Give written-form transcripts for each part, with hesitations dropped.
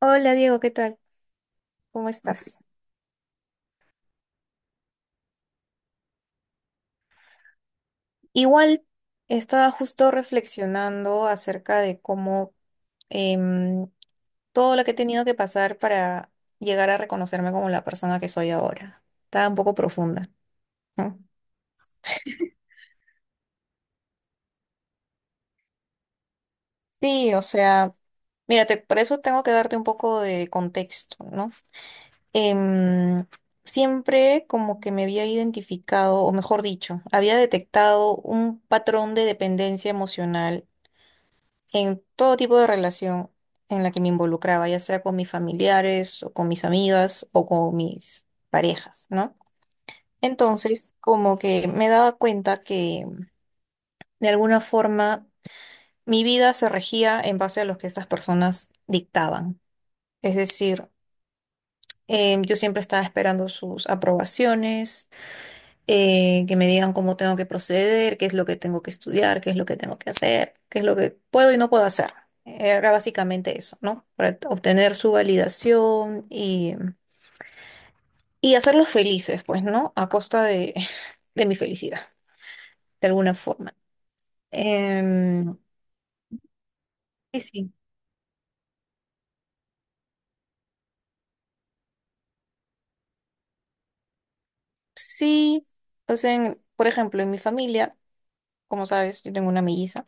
Hola Diego, ¿qué tal? ¿Cómo estás? Igual estaba justo reflexionando acerca de cómo em, todo lo que he tenido que pasar para llegar a reconocerme como la persona que soy ahora. Estaba un poco profunda, ¿no? Sí, o sea, mírate, por eso tengo que darte un poco de contexto, ¿no? Em, siempre como que me había identificado, o mejor dicho, había detectado un patrón de dependencia emocional en todo tipo de relación en la que me involucraba, ya sea con mis familiares o con mis amigas o con mis parejas, ¿no? Entonces, como que me daba cuenta que de alguna forma mi vida se regía en base a lo que estas personas dictaban. Es decir, yo siempre estaba esperando sus aprobaciones, que me digan cómo tengo que proceder, qué es lo que tengo que estudiar, qué es lo que tengo que hacer, qué es lo que puedo y no puedo hacer. Era básicamente eso, ¿no? Para obtener su validación y hacerlos felices, pues, ¿no? A costa de, de mi felicidad, de alguna forma. Em, y sí, sí, pues por ejemplo, en mi familia, como sabes, yo tengo una melliza.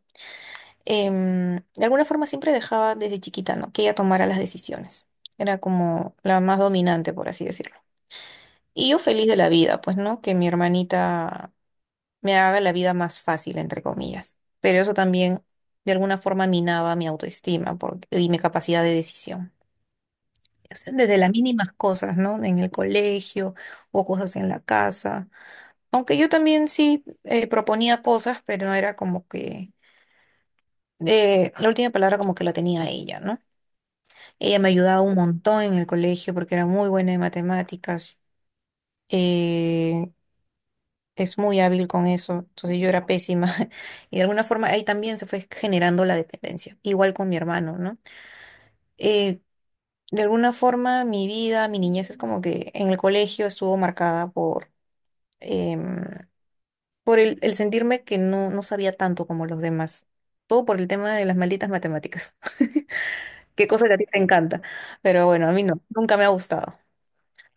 De alguna forma siempre dejaba desde chiquita, ¿no? Que ella tomara las decisiones. Era como la más dominante, por así decirlo. Y yo feliz de la vida, pues, ¿no? Que mi hermanita me haga la vida más fácil, entre comillas. Pero eso también, de alguna forma, minaba mi autoestima y mi capacidad de decisión. O sea, desde las mínimas cosas, ¿no? En el colegio o cosas en la casa. Aunque yo también sí proponía cosas, pero no era como que la última palabra como que la tenía ella, ¿no? Ella me ayudaba un montón en el colegio porque era muy buena en matemáticas. eh, es muy hábil con eso. Entonces yo era pésima. Y de alguna forma ahí también se fue generando la dependencia. Igual con mi hermano, ¿no? Eh, de alguna forma mi vida, mi niñez es como que en el colegio estuvo marcada por, em, por el sentirme que no sabía tanto como los demás. Todo por el tema de las malditas matemáticas. Qué cosa que a ti te encanta. Pero bueno, a mí no. Nunca me ha gustado.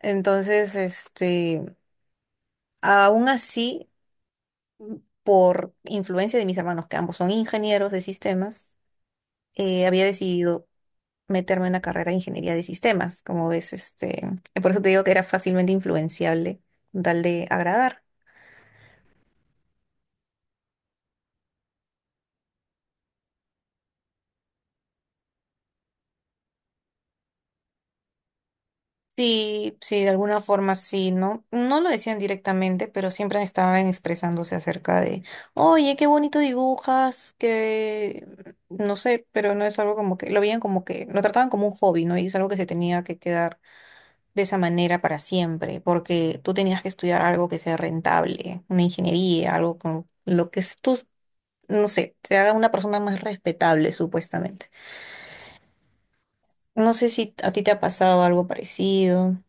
Entonces, este, aún así, por influencia de mis hermanos, que ambos son ingenieros de sistemas, había decidido meterme en una carrera de ingeniería de sistemas. Como ves, este, por eso te digo que era fácilmente influenciable con tal de agradar. Sí, sí, de alguna forma sí, ¿no? No lo decían directamente, pero siempre estaban expresándose acerca de, oye, qué bonito dibujas, que no sé, pero no es algo como que, lo veían como que, lo trataban como un hobby, ¿no? Y es algo que se tenía que quedar de esa manera para siempre, porque tú tenías que estudiar algo que sea rentable, una ingeniería, algo con lo que tú, no sé, te haga una persona más respetable, supuestamente. No sé si a ti te ha pasado algo parecido.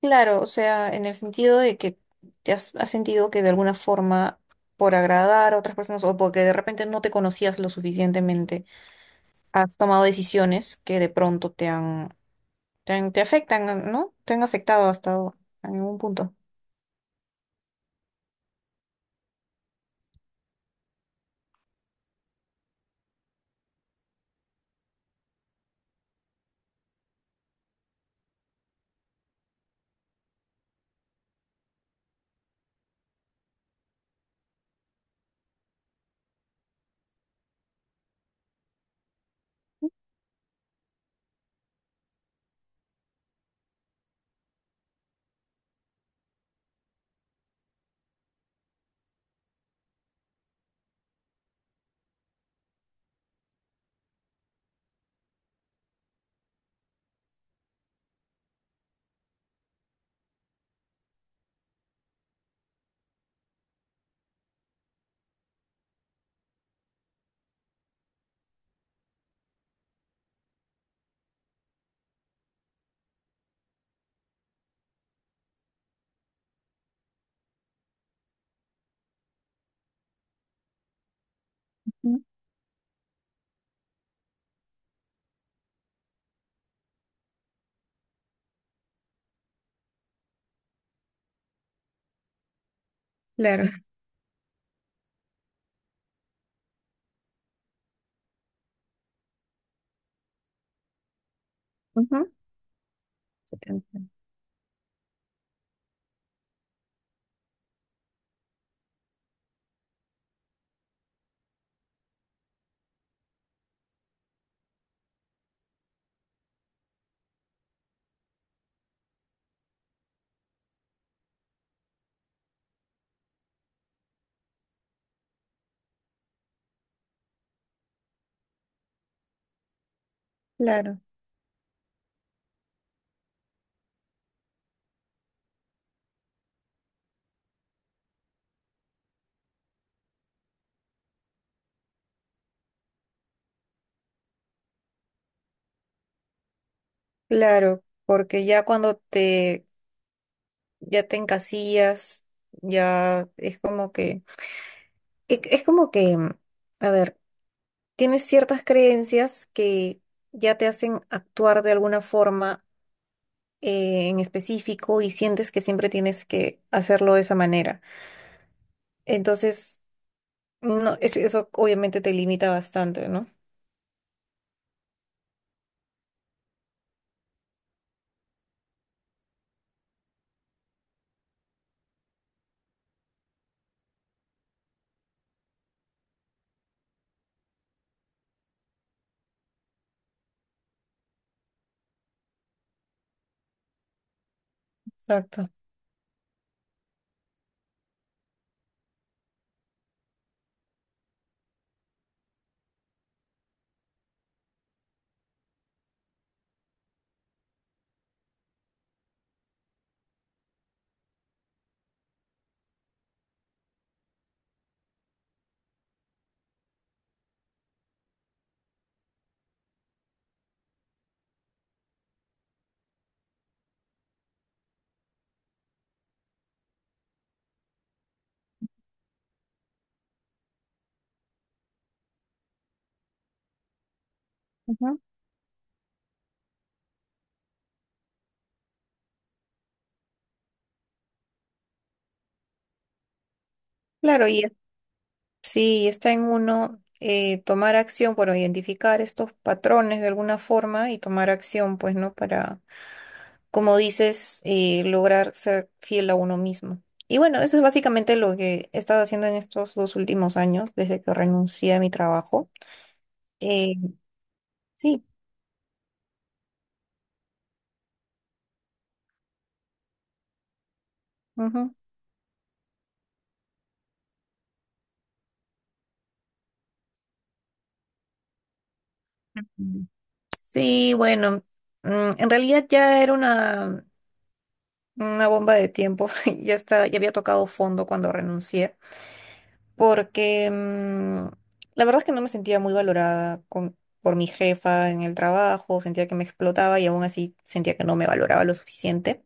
Claro, o sea, en el sentido de que te has sentido que de alguna forma, por agradar a otras personas o porque de repente no te conocías lo suficientemente, has tomado decisiones que de pronto te han, te afectan, ¿no? Te han afectado hasta en algún punto. Mm. Claro. Ujú. 70. Claro, claro, porque ya cuando te, ya te encasillas, ya es como que, es, como que, a ver, tienes ciertas creencias que ya te hacen actuar de alguna forma en específico y sientes que siempre tienes que hacerlo de esa manera. Entonces, no, es- eso obviamente te limita bastante, ¿no? Exacto. Ujú. Claro. Y sí, está en uno, tomar acción, bueno, identificar estos patrones de alguna forma y tomar acción, pues, ¿no? Para, como dices, lograr ser fiel a uno mismo. Y bueno, eso es básicamente lo que he estado haciendo en estos dos últimos años, desde que renuncié a mi trabajo. Eh, sí, ujú. Ujú. Sí, bueno, en realidad ya era una bomba de tiempo, ya está, ya había tocado fondo cuando renuncié porque la verdad es que no me sentía muy valorada por mi jefa en el trabajo, sentía que me explotaba y aún así sentía que no me valoraba lo suficiente.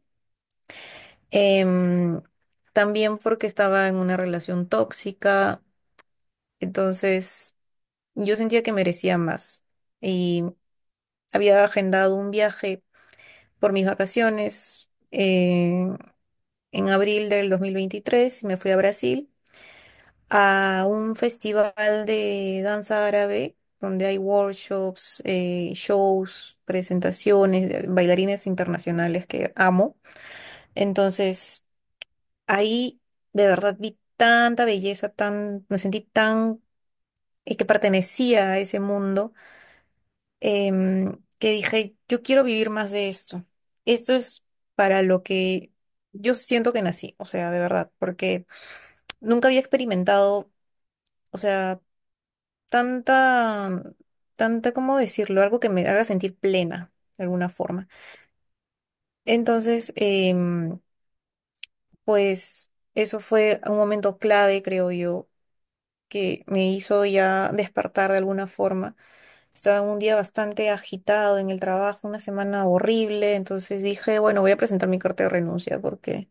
Em, también porque estaba en una relación tóxica, entonces yo sentía que merecía más y había agendado un viaje por mis vacaciones en abril del 2023 y me fui a Brasil, a un festival de danza árabe donde hay workshops, shows, presentaciones, de bailarines internacionales que amo. Entonces, ahí de verdad vi tanta belleza, tan, me sentí tan, que pertenecía a ese mundo, que dije, yo quiero vivir más de esto. Esto es para lo que yo siento que nací, o sea, de verdad, porque nunca había experimentado. O sea, tanta, tanta, ¿cómo decirlo? Algo que me haga sentir plena, de alguna forma. Entonces, pues eso fue un momento clave, creo yo, que me hizo ya despertar de alguna forma. Estaba en un día bastante agitado en el trabajo, una semana horrible, entonces dije, bueno, voy a presentar mi carta de renuncia porque,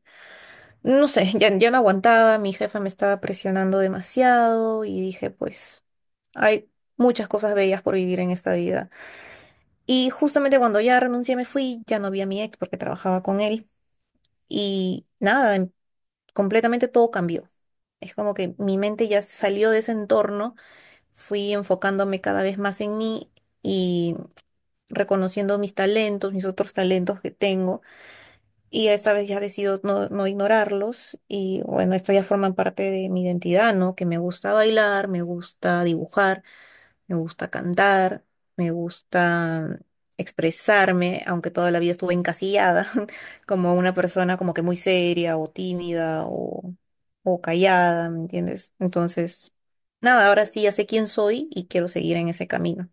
no sé, ya, ya no aguantaba, mi jefa me estaba presionando demasiado y dije, pues, hay muchas cosas bellas por vivir en esta vida. Y justamente cuando ya renuncié, me fui, ya no vi a mi ex porque trabajaba con él. Y nada, completamente todo cambió. Es como que mi mente ya salió de ese entorno, fui enfocándome cada vez más en mí y reconociendo mis talentos, mis otros talentos que tengo. Y esta vez ya decido no, no ignorarlos. Y bueno, esto ya forma parte de mi identidad, ¿no? Que me gusta bailar, me gusta dibujar, me gusta cantar, me gusta expresarme, aunque toda la vida estuve encasillada como una persona como que muy seria o tímida o callada, ¿me entiendes? Entonces, nada, ahora sí ya sé quién soy y quiero seguir en ese camino.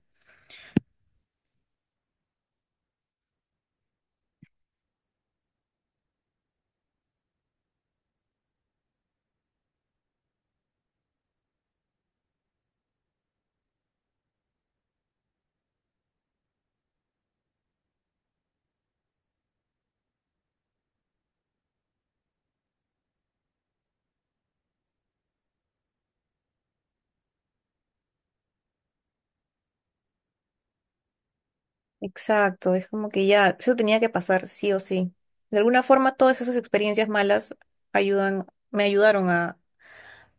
Exacto, es como que ya, eso tenía que pasar sí o sí. De alguna forma, todas esas experiencias malas ayudan, me ayudaron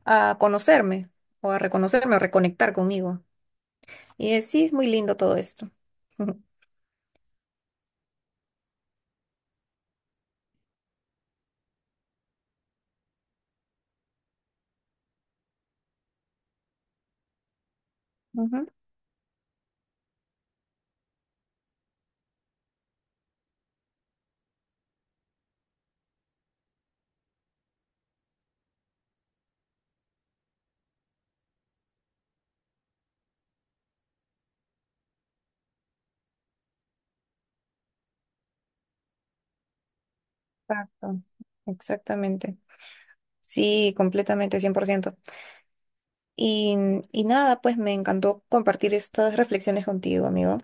a conocerme o a reconocerme o reconectar conmigo. Y sí, es muy lindo todo esto. Ujú. Exacto, exactamente. Sí, completamente, 100%. Y, y nada, pues me encantó compartir estas reflexiones contigo, amigo.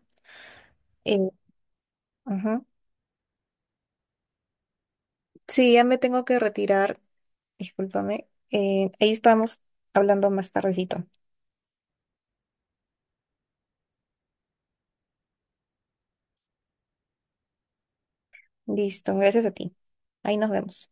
Eh, Ujú. Sí, ya me tengo que retirar, discúlpame. Ahí estamos hablando más tardecito. Listo, gracias a ti. Ahí nos vemos.